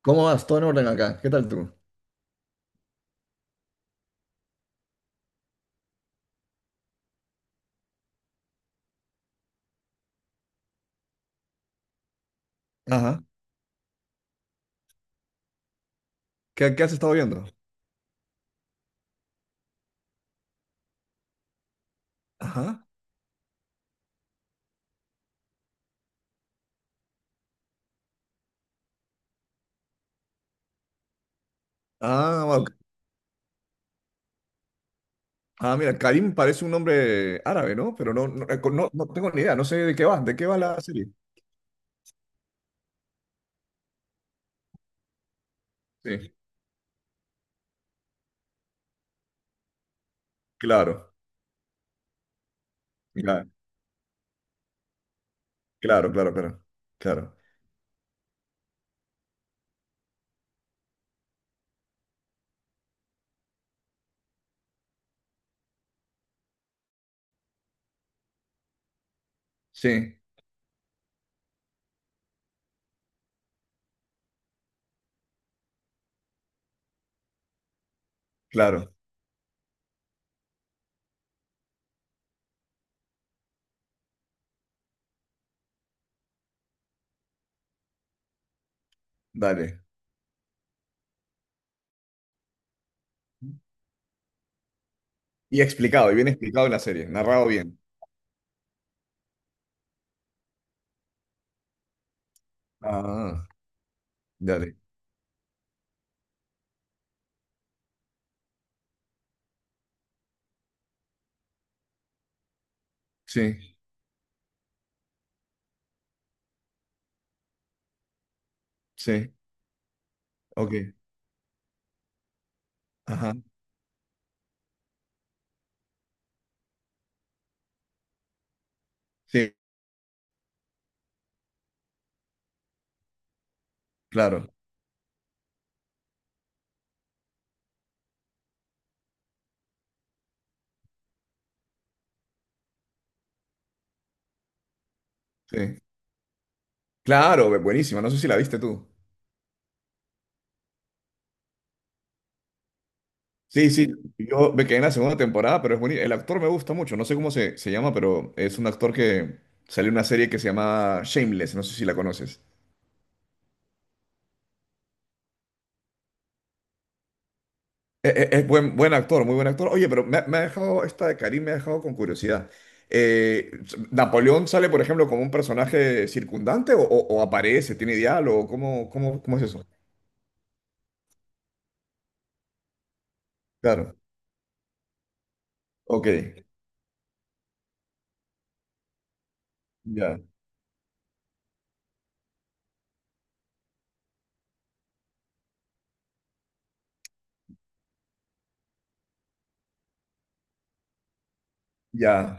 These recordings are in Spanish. ¿Cómo vas? Todo en orden acá. ¿Qué tal tú? Ajá. ¿Qué has estado viendo? Ajá. Ah, bueno. Ah, mira, Karim parece un nombre árabe, ¿no? Pero no, no, no tengo ni idea, no sé de qué va la serie. Sí, claro, cla- claro, claro, claro, claro. Sí, claro, dale. Y explicado, y bien explicado en la serie, narrado bien. Ah, dale. Sí, sí, ok. Ajá, sí, claro, sí. Claro, buenísima, no sé si la viste tú. Sí, sí, yo me quedé en la segunda temporada, pero es bonito. El actor me gusta mucho, no sé cómo se llama, pero es un actor que salió en una serie que se llama Shameless, no sé si la conoces. Es buen actor, muy buen actor. Oye, pero me ha dejado, esta de Karim me ha dejado con curiosidad. Eh, ¿Napoleón sale, por ejemplo, como un personaje circundante o, o aparece, tiene diálogo? ¿Cómo es eso? Claro, ok, ya, ya.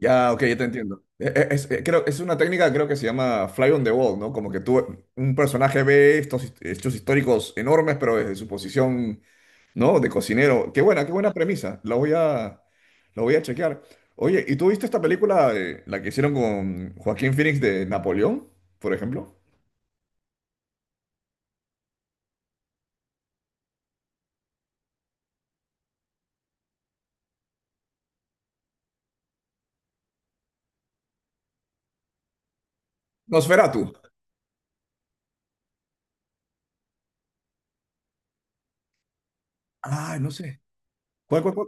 Ya, ok, ya te entiendo. Creo, es una técnica, creo que se llama Fly on the Wall, ¿no? Como que tú, un personaje ve estos hechos históricos enormes, pero desde su posición, ¿no? De cocinero. Qué buena premisa. La voy a chequear. Oye, ¿y tú viste esta película, la que hicieron con Joaquín Phoenix de Napoleón, por ejemplo? Nosferatu. Ah, no sé. ¿Cuál?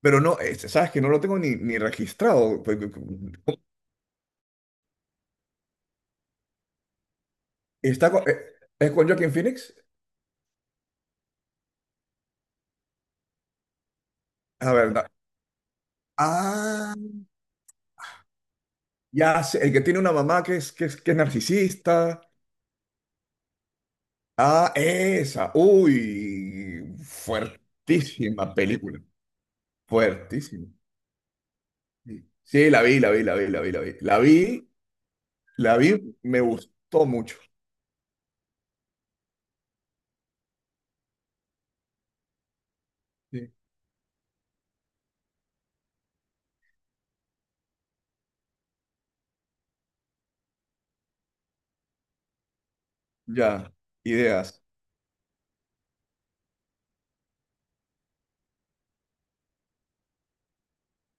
Pero no, sabes que no lo tengo ni registrado. Está con- eh, ¿Es con Joaquin Phoenix? A ver, ah. Ya sé, el que tiene una mamá que es narcisista. Ah, esa. Uy, fuertísima película. Fuertísima. Sí, sí, la vi, la vi, la vi, la vi, la vi. La vi, la vi, me gustó mucho. Sí. Ya, ideas.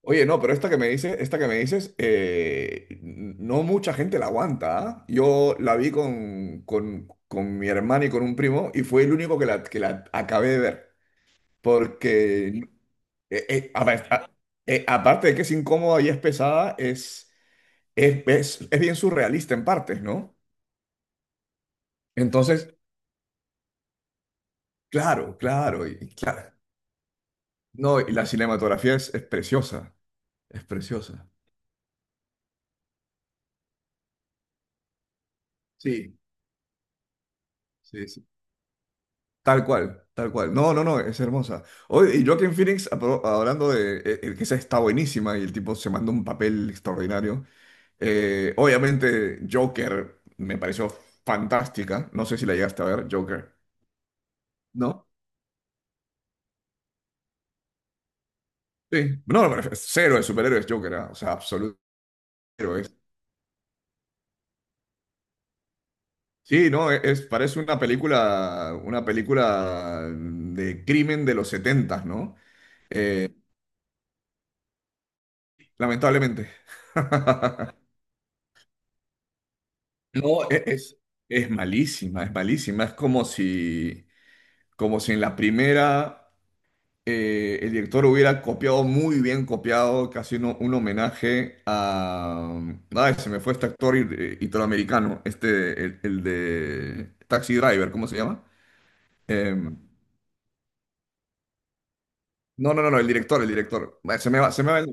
Oye, no, pero esta que me dices, esta que me dices, no mucha gente la aguanta, ¿ah? Yo la vi con mi hermana y con un primo y fue el único que la acabé de ver. Porque. A ver, aparte de que es incómoda y es pesada, es bien surrealista en partes, ¿no? Entonces, claro, claro, y claro. No, y la cinematografía es preciosa, es preciosa. Sí, sí, sí. Tal cual, tal cual. No, no, no, es hermosa. Hoy, y Joaquin Phoenix, hablando de el que esa está buenísima y el tipo se mandó un papel extraordinario. Obviamente, Joker me pareció fantástica. No sé si la llegaste a ver, Joker. ¿No? Sí, no, pero es cero de superhéroes Joker, ah, o sea, absoluto cero es. Sí, no, parece una película de crimen de los 70, ¿no? Eh, lamentablemente. No, es malísima, es malísima. Es como si en la primera el director hubiera copiado muy bien, copiado casi un homenaje a... Ay, se me fue este actor italoamericano, este, el de Taxi Driver, ¿cómo se llama? Em, no, no, no, no, el director, el director. Ay, se me va el...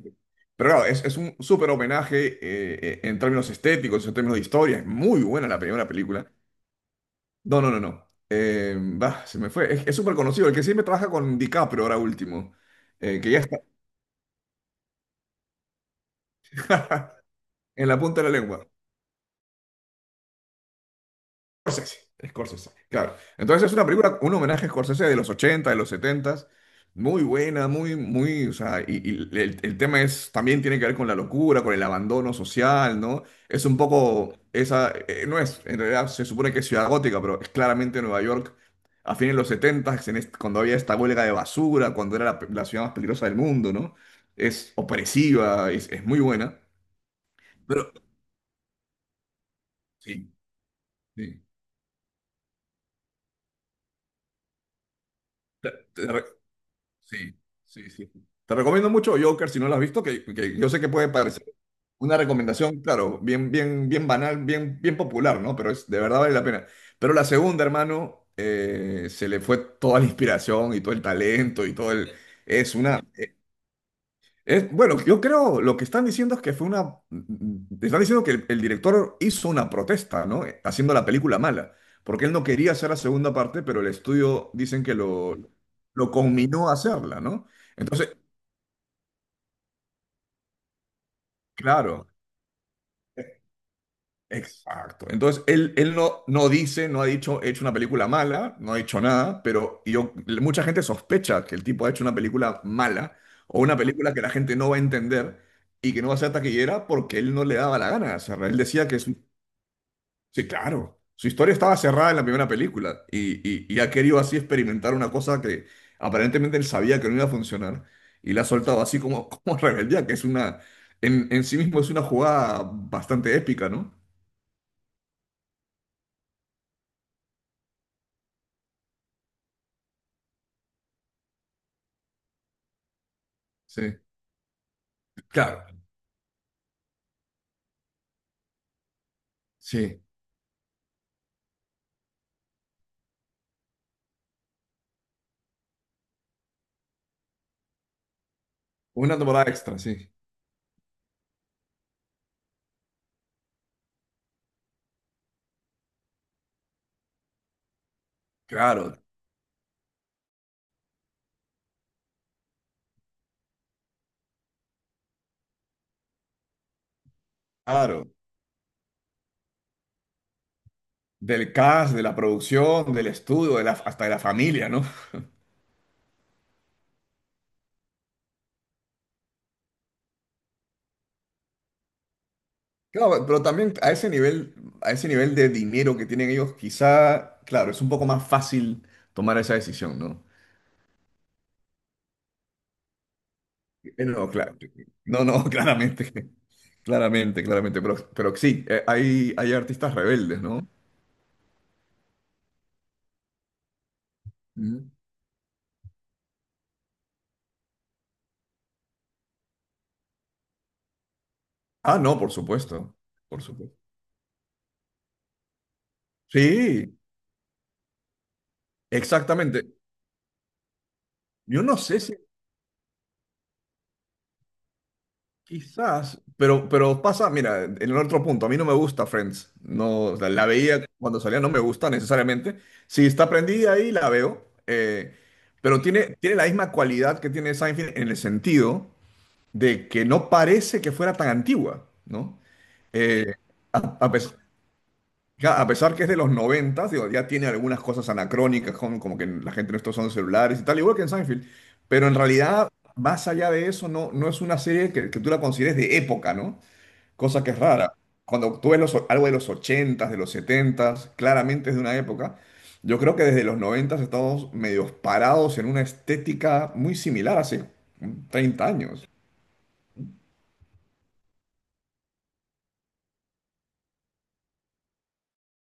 Pero claro, es un súper homenaje en términos estéticos, en términos de historia. Es muy buena la primera película. No, no, no, no. Bah, se me fue. Es súper conocido, el que siempre trabaja con DiCaprio ahora último, que ya está en la punta de la lengua. Scorsese, Scorsese, claro. Entonces es una película, un homenaje a Scorsese de los 80, de los 70, muy buena, muy, muy, o sea, y el tema es, también tiene que ver con la locura, con el abandono social, ¿no? Es un poco, esa, no es, en realidad se supone que es ciudad gótica, pero es claramente Nueva York a fines de los 70, en cuando había esta huelga de basura, cuando era la ciudad más peligrosa del mundo, ¿no? Es opresiva, es muy buena. Pero, sí, sí. Sí, sí, sí. Te recomiendo mucho Joker si no lo has visto, que yo sé que puede parecer una recomendación, claro, bien, bien, bien banal, bien, bien popular, ¿no? Pero de verdad vale la pena. Pero la segunda, hermano, se le fue toda la inspiración y todo el talento y todo el... Es una... Es, bueno, yo creo, lo que están diciendo es que fue una... Están diciendo que el director hizo una protesta, ¿no? Haciendo la película mala, porque él no quería hacer la segunda parte, pero el estudio dicen que lo conminó a hacerla, ¿no? Entonces, claro, e- exacto. Entonces, él no dice, no ha dicho, he hecho una película mala, no ha hecho nada, mucha gente sospecha que el tipo ha hecho una película mala o una película que la gente no va a entender y que no va a ser taquillera porque él no le daba la gana de cerrar. Él decía que sí, claro, su historia estaba cerrada en la primera película y, y ha querido así experimentar una cosa que aparentemente él sabía que no iba a funcionar y la ha soltado así como, como rebeldía, que es una, en sí mismo es una jugada bastante épica, ¿no? Sí, claro, sí. Una temporada extra, sí. Claro, claro. Del cast, de la producción, del estudio, de la, hasta de la familia, ¿no? Claro, pero también a ese nivel de dinero que tienen ellos, quizá, claro, es un poco más fácil tomar esa decisión, ¿no? No, claro. No, no, claramente, claramente, claramente. Pero sí, hay artistas rebeldes, ¿no? Ujú. Ah, no, por supuesto, por supuesto. Sí, exactamente. Yo no sé si. Quizás, pero pasa, mira, en el otro punto, a mí no me gusta Friends, no, o sea, la veía cuando salía, no me gusta necesariamente, si está prendida ahí la veo, pero tiene la misma cualidad que tiene Seinfeld en el sentido de que no parece que fuera tan antigua, ¿no? Eh, a, a pes- ya, a pesar que es de los 90, digo, ya tiene algunas cosas anacrónicas, como que la gente no está usando celulares y tal, igual que en Seinfeld, pero en realidad, más allá de eso, no es una serie que tú la consideres de época, ¿no? Cosa que es rara. Cuando tú ves algo de los 80 de los 70 claramente es de una época. Yo creo que desde los 90 estamos medios parados en una estética muy similar hace 30 años.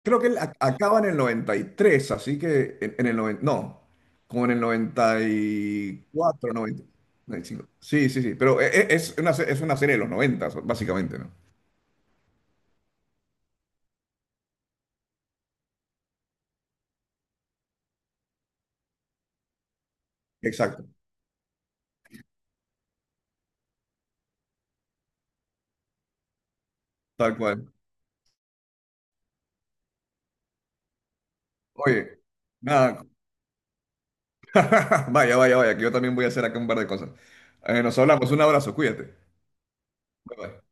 Creo que él acaba en el 93, así que en el 90 no, como en el noventa y cuatro, noventa y cinco. Sí, sí, sí, pero es una serie de los 90, básicamente, ¿no? Exacto, tal cual. Oye, nada, vaya, vaya, vaya, que yo también voy a hacer acá un par de cosas. Nos hablamos, un abrazo, cuídate. Bye, bye.